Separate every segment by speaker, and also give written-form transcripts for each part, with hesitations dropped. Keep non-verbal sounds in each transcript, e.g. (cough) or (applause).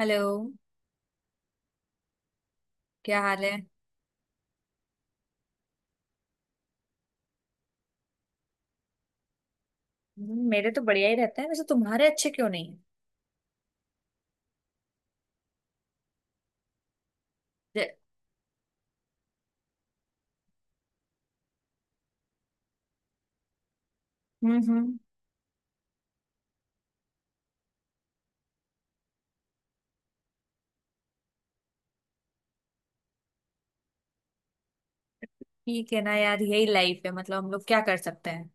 Speaker 1: Hello. क्या हाल है। मेरे तो बढ़िया ही रहते हैं, वैसे तुम्हारे अच्छे क्यों नहीं है। जे- हम्म। ठीक है ना, यार यही लाइफ है, मतलब हम लोग क्या कर सकते हैं।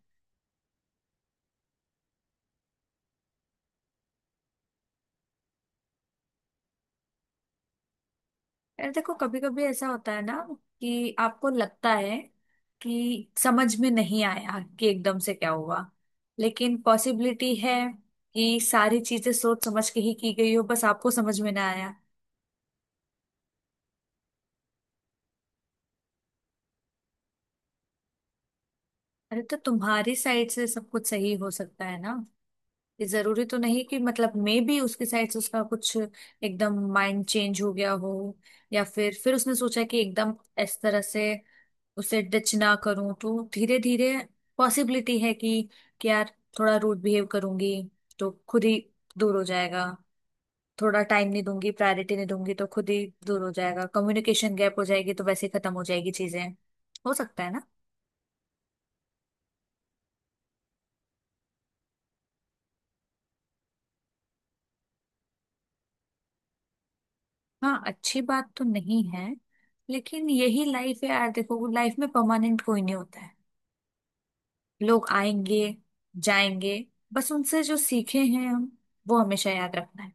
Speaker 1: यार देखो, कभी कभी ऐसा होता है ना कि आपको लगता है कि समझ में नहीं आया कि एकदम से क्या हुआ, लेकिन पॉसिबिलिटी है कि सारी चीजें सोच समझ के ही की गई हो, बस आपको समझ में ना आया। अरे तो तुम्हारी साइड से सब कुछ सही हो सकता है ना, ये जरूरी तो नहीं कि मतलब मे भी उसकी साइड से उसका कुछ एकदम माइंड चेंज हो गया हो। या फिर उसने सोचा कि एकदम इस तरह से उसे डिच ना करूं, तो धीरे धीरे पॉसिबिलिटी है कि यार थोड़ा रूड बिहेव करूंगी तो खुद ही दूर हो जाएगा। थोड़ा टाइम नहीं दूंगी, प्रायोरिटी नहीं दूंगी तो खुद ही दूर हो जाएगा, कम्युनिकेशन गैप हो जाएगी तो वैसे ही खत्म हो जाएगी चीजें। हो सकता है ना। हाँ, अच्छी बात तो नहीं है, लेकिन यही लाइफ है यार। देखो, लाइफ में परमानेंट कोई नहीं होता है। लोग आएंगे, जाएंगे, बस उनसे जो सीखे हैं हम, वो हमेशा याद रखना है।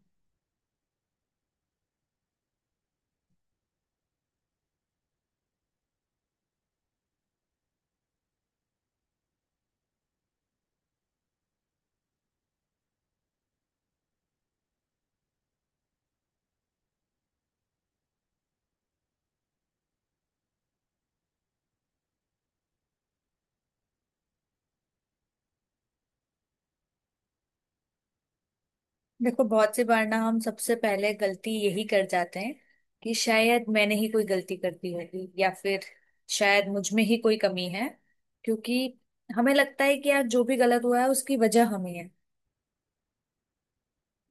Speaker 1: देखो, बहुत सी बार ना हम सबसे पहले गलती यही कर जाते हैं कि शायद मैंने ही कोई गलती कर दी होगी, या फिर शायद मुझ में ही कोई कमी है। क्योंकि हमें लगता है कि यार जो भी गलत हुआ है उसकी वजह हमें है,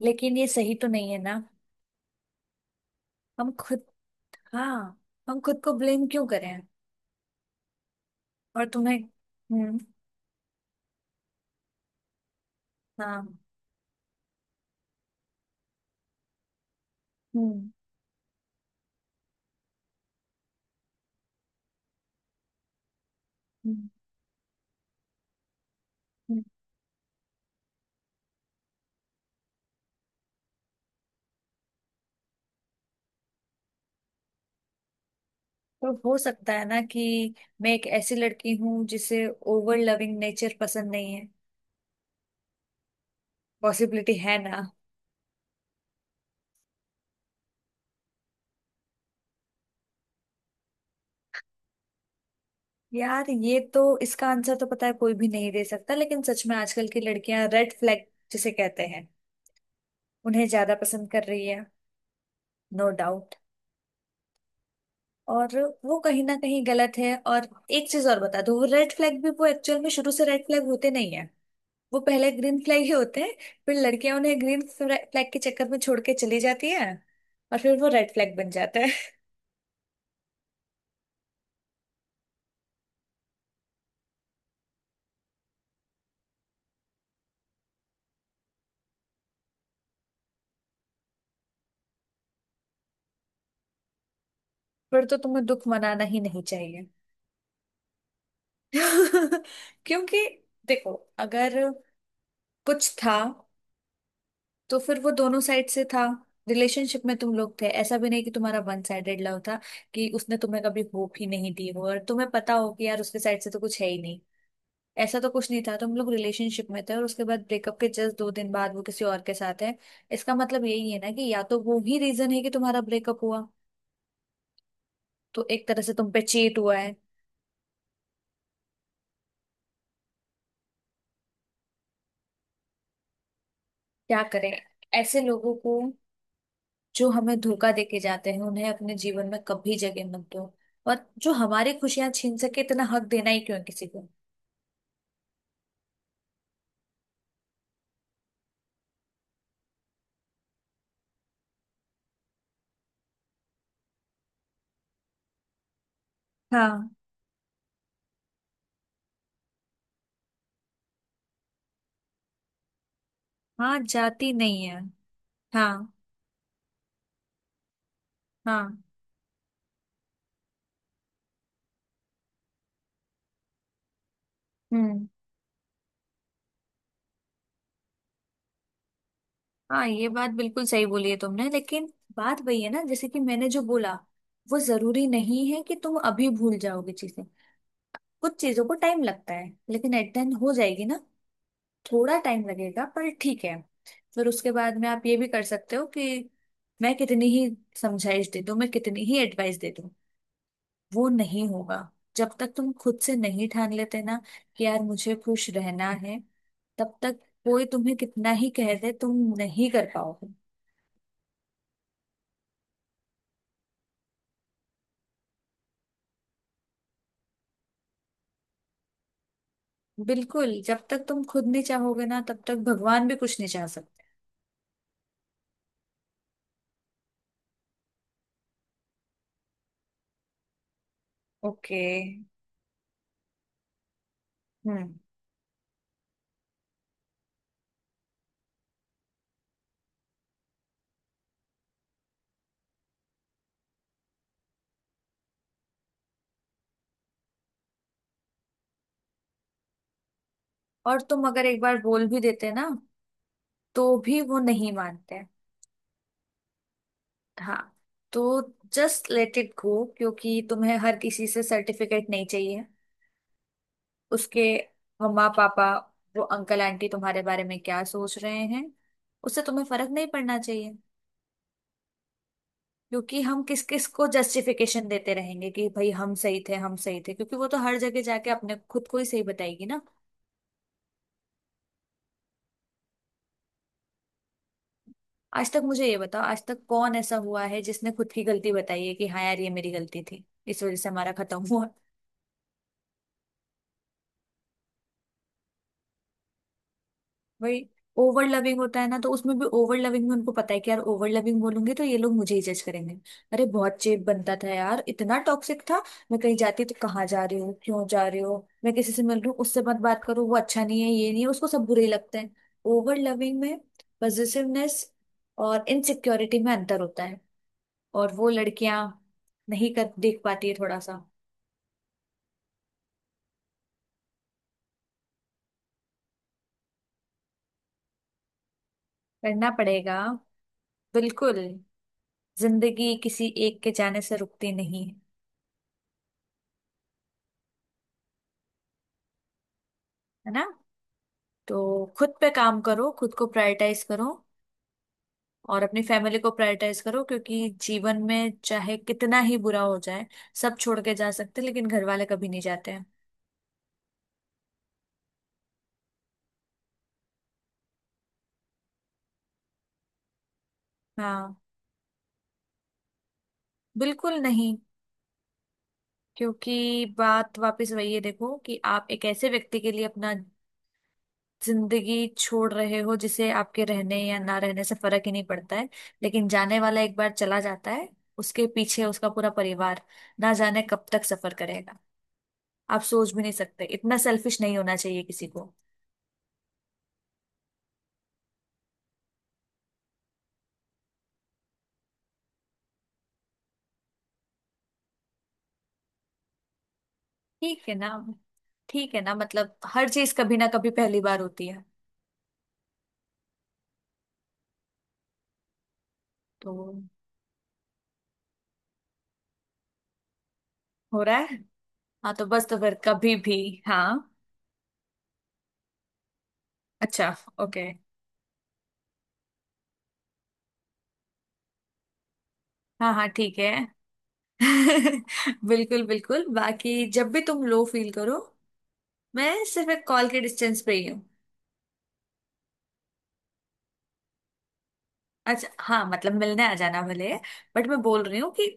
Speaker 1: लेकिन ये सही तो नहीं है ना। हम खुद हाँ, हम खुद को ब्लेम क्यों करें। और तुम्हें, हम्म। हाँ। हम्म हम्म, हम्म। तो हो सकता है ना कि मैं एक ऐसी लड़की हूँ जिसे ओवर लविंग नेचर पसंद नहीं है, पॉसिबिलिटी है ना। यार ये तो इसका आंसर तो पता है कोई भी नहीं दे सकता, लेकिन सच में आजकल की लड़कियां रेड फ्लैग जिसे कहते हैं, उन्हें ज्यादा पसंद कर रही है। No doubt. और वो कहीं ना कहीं गलत है, और एक चीज और बता दूं, वो रेड फ्लैग भी वो एक्चुअल में शुरू से रेड फ्लैग होते नहीं है, वो पहले ग्रीन फ्लैग ही होते हैं। फिर लड़कियां उन्हें ग्रीन फ्लैग के चक्कर में छोड़ के चली जाती है, और फिर वो रेड फ्लैग बन जाता है। फिर तो तुम्हें दुख मनाना ही नहीं चाहिए। (laughs) क्योंकि देखो, अगर कुछ था तो फिर वो दोनों साइड से था। रिलेशनशिप में तुम लोग थे, ऐसा भी नहीं कि तुम्हारा वन साइडेड लव था, कि उसने तुम्हें कभी होप ही नहीं दी हो और तुम्हें पता हो कि यार उसके साइड से तो कुछ है ही नहीं। ऐसा तो कुछ नहीं था, तुम लोग रिलेशनशिप में थे और उसके बाद ब्रेकअप के जस्ट दो दिन बाद वो किसी और के साथ है। इसका मतलब यही है ना कि या तो वो ही रीजन है कि तुम्हारा ब्रेकअप हुआ, तो एक तरह से तुम पे चेट हुआ है। क्या करें, ऐसे लोगों को जो हमें धोखा देके जाते हैं, उन्हें अपने जीवन में कभी जगह मत दो। और जो हमारी खुशियां छीन सके, इतना हक देना ही क्यों है किसी को। हाँ। हाँ, जाति नहीं है। हाँ। हाँ, हम्म। हाँ, ये बात बिल्कुल सही बोली है तुमने, लेकिन बात वही है ना, जैसे कि मैंने जो बोला, वो जरूरी नहीं है कि तुम अभी भूल जाओगे चीजें। कुछ चीजों को टाइम लगता है, लेकिन एट द एंड हो जाएगी ना, थोड़ा टाइम लगेगा पर ठीक है। फिर उसके बाद में आप ये भी कर सकते हो कि मैं कितनी ही समझाइश दे दूं, मैं कितनी ही एडवाइस दे दूं, वो नहीं होगा जब तक तुम खुद से नहीं ठान लेते ना कि यार मुझे खुश रहना है। तब तक कोई तुम्हें कितना ही कह दे, तुम नहीं कर पाओगे। बिल्कुल, जब तक तुम खुद नहीं चाहोगे ना, तब तक भगवान भी कुछ नहीं चाह सकते। ओके। हम्म। और तुम अगर एक बार बोल भी देते ना, तो भी वो नहीं मानते। हाँ। तो जस्ट लेट इट गो, क्योंकि तुम्हें हर किसी से सर्टिफिकेट नहीं चाहिए। उसके मम्मा पापा, वो अंकल आंटी तुम्हारे बारे में क्या सोच रहे हैं, उससे तुम्हें फर्क नहीं पड़ना चाहिए। क्योंकि हम किस किस को जस्टिफिकेशन देते रहेंगे कि भाई हम सही थे, हम सही थे, क्योंकि वो तो हर जगह जाके अपने खुद को ही सही बताएगी ना। आज तक मुझे ये बताओ, आज तक कौन ऐसा हुआ है जिसने खुद की गलती बताई है कि हाँ यार, ये मेरी गलती थी, इस वजह से हमारा खत्म हुआ। वही। ओवर लविंग होता है ना, तो उसमें भी ओवर लविंग में उनको पता है कि यार ओवर लविंग बोलूंगी तो ये लोग मुझे ही जज करेंगे। अरे बहुत चेप बनता था यार, इतना टॉक्सिक था। मैं कहीं जाती तो कहाँ जा रही हो, क्यों जा रही हो, मैं किसी से मिल रही हूँ, उससे मत बात करो, वो अच्छा नहीं है, ये नहीं है, उसको सब बुरे ही लगते हैं। ओवर लविंग में पजेसिवनेस और इनसिक्योरिटी में अंतर होता है, और वो लड़कियां नहीं कर देख पाती है थोड़ा सा। करना पड़ेगा। बिल्कुल। जिंदगी किसी एक के जाने से रुकती नहीं है, है ना। तो खुद पे काम करो, खुद को प्रायोरिटाइज करो, और अपनी फैमिली को प्रायोरिटाइज करो, क्योंकि जीवन में चाहे कितना ही बुरा हो जाए, सब छोड़ के जा सकते हैं, लेकिन घर वाले कभी नहीं जाते हैं। हाँ। बिल्कुल नहीं, क्योंकि बात वापस वही है, देखो कि आप एक ऐसे व्यक्ति के लिए अपना जिंदगी छोड़ रहे हो जिसे आपके रहने या ना रहने से फर्क ही नहीं पड़ता है। लेकिन जाने वाला एक बार चला जाता है, उसके पीछे उसका पूरा परिवार ना जाने कब तक सफर करेगा। आप सोच भी नहीं सकते, इतना सेल्फिश नहीं होना चाहिए किसी को। ठीक है ना। ठीक है ना, मतलब हर चीज कभी ना कभी पहली बार होती है। तो हो रहा है। हाँ, तो बस, तो फिर कभी भी। हाँ। अच्छा। ओके। हाँ हाँ, ठीक है। (laughs) बिल्कुल बिल्कुल, बाकी जब भी तुम लो फील करो, मैं सिर्फ एक कॉल के डिस्टेंस पे ही हूँ। अच्छा, हाँ, मतलब मिलने आ जाना भले, बट मैं बोल रही हूँ कि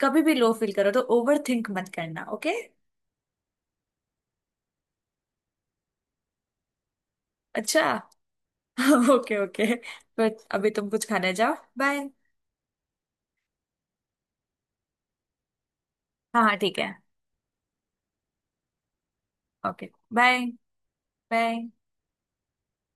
Speaker 1: कभी भी लो फील करो तो ओवर थिंक मत करना, ओके। अच्छा। (laughs) ओके ओके, बट अभी तुम कुछ खाने जाओ, बाय। हाँ हाँ, ठीक है। ओके। बाय। बाय।